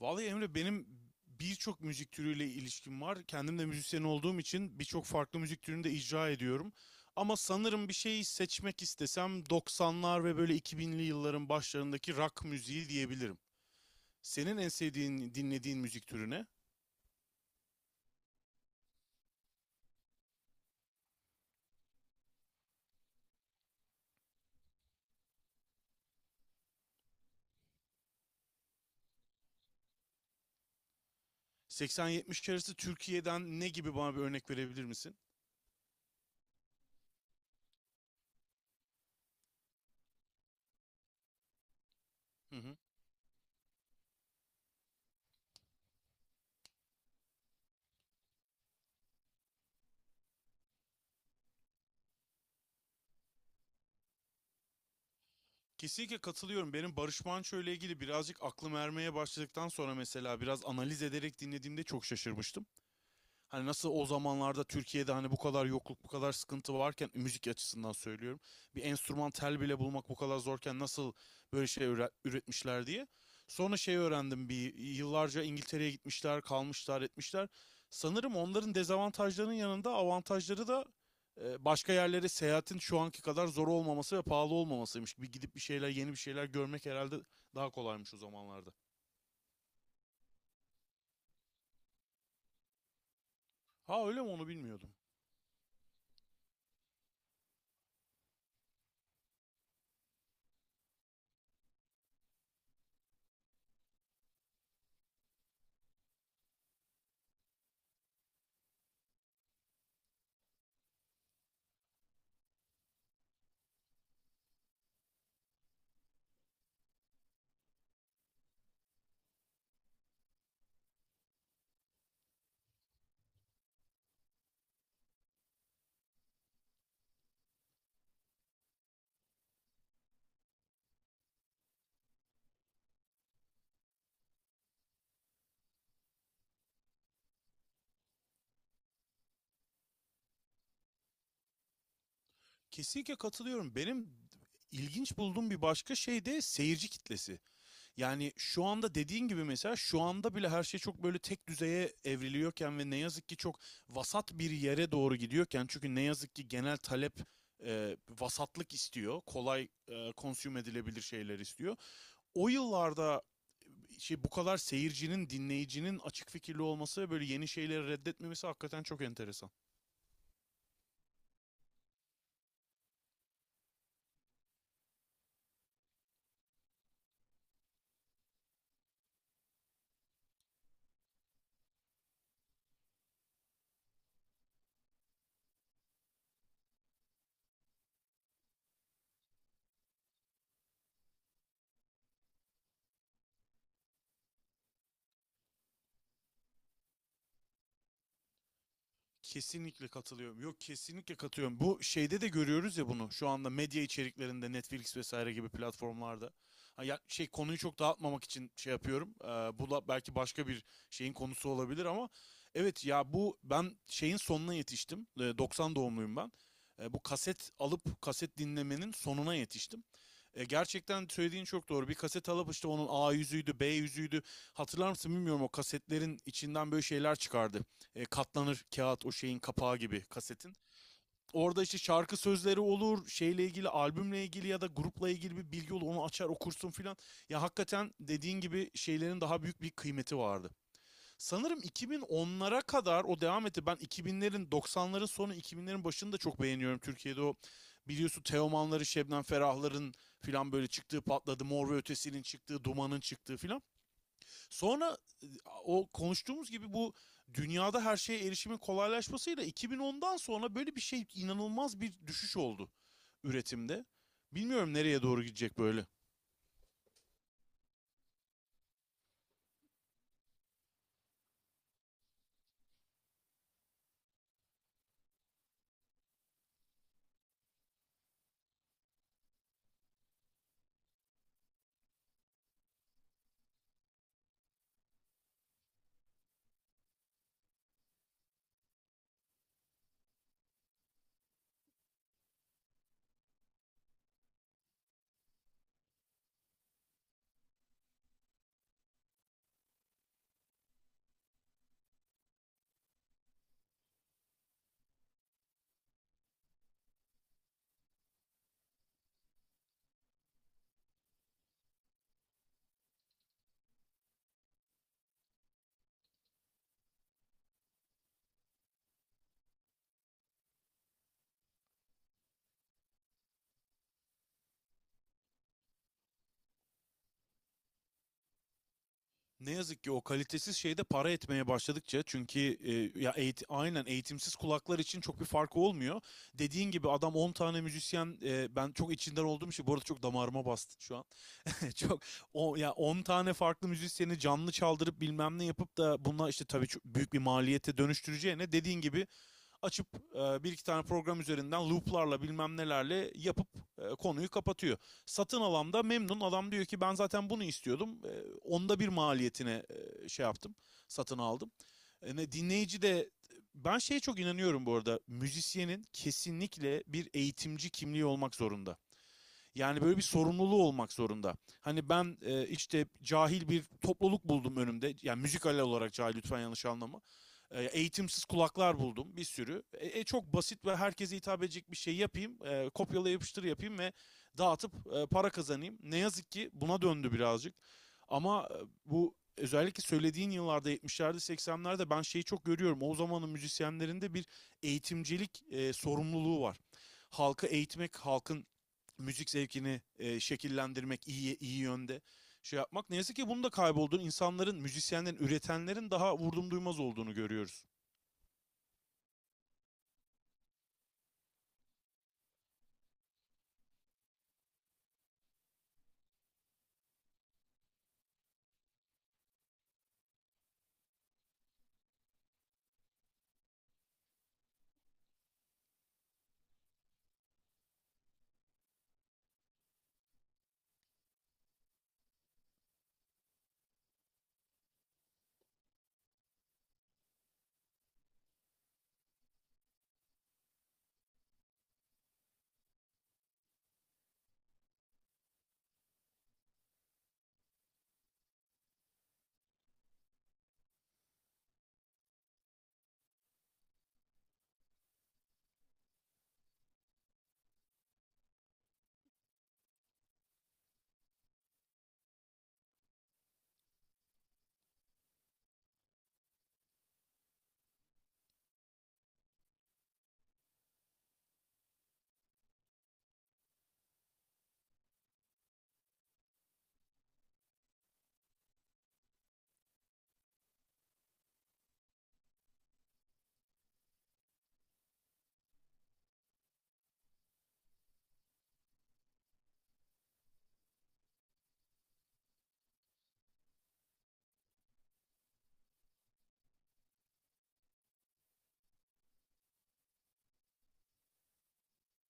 Vallahi Emre benim birçok müzik türüyle ilişkim var. Kendim de müzisyen olduğum için birçok farklı müzik türünü de icra ediyorum. Ama sanırım bir şey seçmek istesem 90'lar ve böyle 2000'li yılların başlarındaki rock müziği diyebilirim. Senin en sevdiğin, dinlediğin müzik türüne. 80-70 arası Türkiye'den ne gibi bana bir örnek verebilir misin? Hı hı. Kesinlikle katılıyorum. Benim Barış Manço ile ilgili birazcık aklım ermeye başladıktan sonra mesela biraz analiz ederek dinlediğimde çok şaşırmıştım. Hani nasıl o zamanlarda Türkiye'de hani bu kadar yokluk, bu kadar sıkıntı varken müzik açısından söylüyorum. Bir enstrüman tel bile bulmak bu kadar zorken nasıl böyle şey üretmişler diye. Sonra şey öğrendim bir yıllarca İngiltere'ye gitmişler, kalmışlar, etmişler. Sanırım onların dezavantajlarının yanında avantajları da başka yerlere seyahatin şu anki kadar zor olmaması ve pahalı olmamasıymış. Bir gidip bir şeyler, yeni bir şeyler görmek herhalde daha kolaymış o zamanlarda. Ha öyle mi, onu bilmiyordum. Kesinlikle katılıyorum. Benim ilginç bulduğum bir başka şey de seyirci kitlesi. Yani şu anda dediğin gibi mesela şu anda bile her şey çok böyle tek düzeye evriliyorken ve ne yazık ki çok vasat bir yere doğru gidiyorken, çünkü ne yazık ki genel talep vasatlık istiyor. Kolay, consume edilebilir şeyler istiyor. O yıllarda şey bu kadar seyircinin, dinleyicinin açık fikirli olması ve böyle yeni şeyleri reddetmemesi hakikaten çok enteresan. Kesinlikle katılıyorum. Yok, kesinlikle katılıyorum. Bu şeyde de görüyoruz ya bunu. Şu anda medya içeriklerinde Netflix vesaire gibi platformlarda. Ha, ya, şey, konuyu çok dağıtmamak için şey yapıyorum. Bu da belki başka bir şeyin konusu olabilir ama evet ya, bu ben şeyin sonuna yetiştim. 90 doğumluyum ben. Bu kaset alıp kaset dinlemenin sonuna yetiştim. Gerçekten söylediğin çok doğru. Bir kaset alıp işte onun A yüzüydü, B yüzüydü. Hatırlar mısın bilmiyorum, o kasetlerin içinden böyle şeyler çıkardı, katlanır kağıt o şeyin kapağı gibi kasetin. Orada işte şarkı sözleri olur, şeyle ilgili, albümle ilgili ya da grupla ilgili bir bilgi olur. Onu açar okursun filan. Ya hakikaten dediğin gibi şeylerin daha büyük bir kıymeti vardı. Sanırım 2010'lara kadar o devam etti. Ben 2000'lerin, 90'ların sonu 2000'lerin başını da çok beğeniyorum. Türkiye'de o biliyorsun Teomanların, Şebnem Ferahların filan böyle çıktığı patladı. Mor ve Ötesi'nin çıktığı, Duman'ın çıktığı filan. Sonra e, o konuştuğumuz gibi bu dünyada her şeye erişimin kolaylaşmasıyla 2010'dan sonra böyle bir şey, inanılmaz bir düşüş oldu üretimde. Bilmiyorum nereye doğru gidecek böyle. Ne yazık ki o kalitesiz şeyde para etmeye başladıkça, çünkü aynen eğitimsiz kulaklar için çok bir farkı olmuyor. Dediğin gibi adam 10 tane müzisyen, ben çok içinden olduğum şey bu arada, çok damarıma bastı şu an. Çok, o ya, 10 tane farklı müzisyeni canlı çaldırıp bilmem ne yapıp da bunlar işte, tabii çok büyük bir maliyete dönüştüreceğine dediğin gibi açıp bir iki tane program üzerinden looplarla bilmem nelerle yapıp konuyu kapatıyor. Satın alan da memnun, adam diyor ki ben zaten bunu istiyordum. Onda bir maliyetine şey yaptım. Satın aldım. Dinleyici de, ben şeye çok inanıyorum bu arada. Müzisyenin kesinlikle bir eğitimci kimliği olmak zorunda. Yani böyle bir sorumluluğu olmak zorunda. Hani ben işte cahil bir topluluk buldum önümde. Yani müzikal olarak cahil, lütfen yanlış anlama. Eğitimsiz kulaklar buldum bir sürü. Çok basit ve herkese hitap edecek bir şey yapayım. Kopyala yapıştır yapayım ve dağıtıp para kazanayım. Ne yazık ki buna döndü birazcık. Ama bu özellikle söylediğin yıllarda 70'lerde 80'lerde ben şeyi çok görüyorum. O zamanın müzisyenlerinde bir eğitimcilik sorumluluğu var. Halkı eğitmek, halkın müzik zevkini şekillendirmek, iyi yönde şey yapmak. Ne yazık ki bunun da kaybolduğunu, insanların, müzisyenlerin, üretenlerin daha vurdum duymaz olduğunu görüyoruz.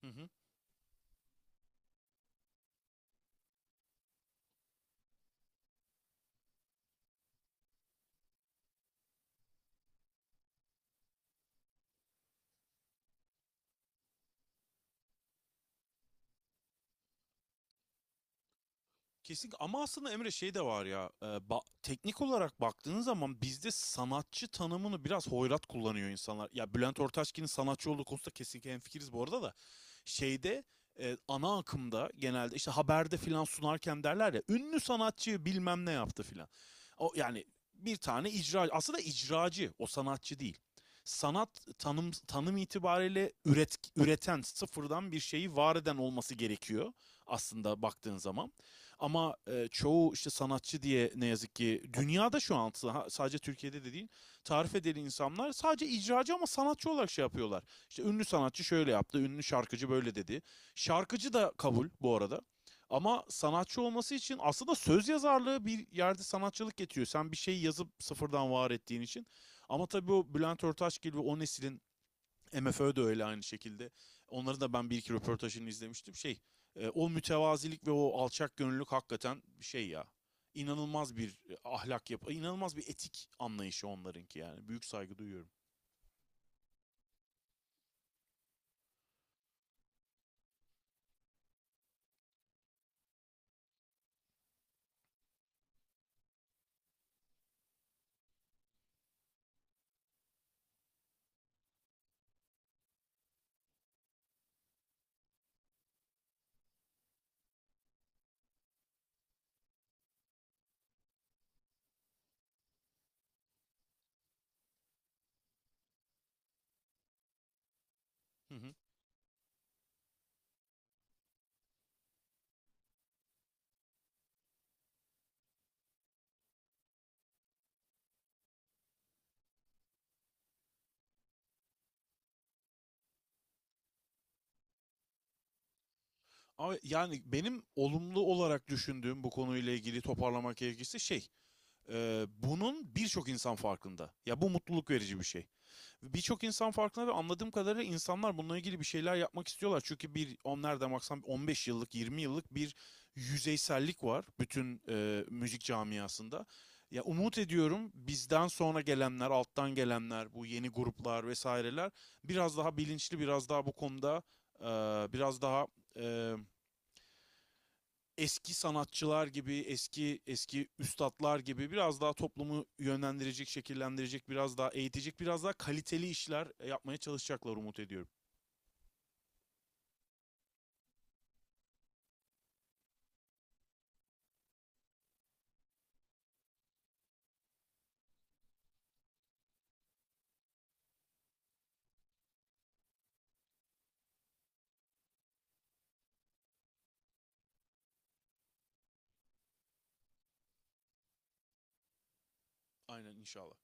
Hı hı. Kesin, ama aslında Emre şey de var ya, teknik olarak baktığın zaman bizde sanatçı tanımını biraz hoyrat kullanıyor insanlar. Ya Bülent Ortaçgil'in sanatçı olduğu konusunda kesinlikle hemfikiriz bu arada da, şeyde, ana akımda genelde işte haberde filan sunarken derler ya, ünlü sanatçı bilmem ne yaptı filan. O yani bir tane icra, aslında icracı o, sanatçı değil. Sanat tanım itibariyle üreten, sıfırdan bir şeyi var eden olması gerekiyor aslında baktığın zaman. Ama çoğu işte sanatçı diye, ne yazık ki dünyada şu an, sadece Türkiye'de de değil, tarif edeli insanlar sadece icracı ama sanatçı olarak şey yapıyorlar. İşte ünlü sanatçı şöyle yaptı, ünlü şarkıcı böyle dedi. Şarkıcı da kabul bu arada. Ama sanatçı olması için aslında söz yazarlığı bir yerde sanatçılık getiriyor. Sen bir şeyi yazıp sıfırdan var ettiğin için. Ama tabii o Bülent Ortaçgil ve o neslin MFÖ de öyle aynı şekilde. Onları da ben bir iki röportajını izlemiştim. O mütevazilik ve o alçak gönüllülük hakikaten şey ya. İnanılmaz bir, inanılmaz bir etik anlayışı onlarınki yani. Büyük saygı duyuyorum. Hı hı. Ama yani benim olumlu olarak düşündüğüm, bu konuyla ilgili toparlamak gerekirse bunun birçok insan farkında. Ya bu mutluluk verici bir şey. Birçok insan farkında ve anladığım kadarıyla insanlar bununla ilgili bir şeyler yapmak istiyorlar. Çünkü bir 10 nereden baksan 15 yıllık 20 yıllık bir yüzeysellik var bütün müzik camiasında. Ya umut ediyorum bizden sonra gelenler, alttan gelenler, bu yeni gruplar vesaireler biraz daha bilinçli, biraz daha bu konuda, e, biraz daha e, eski sanatçılar gibi, eski eski üstatlar gibi biraz daha toplumu yönlendirecek, şekillendirecek, biraz daha eğitecek, biraz daha kaliteli işler yapmaya çalışacaklar umut ediyorum. Aynen, inşallah.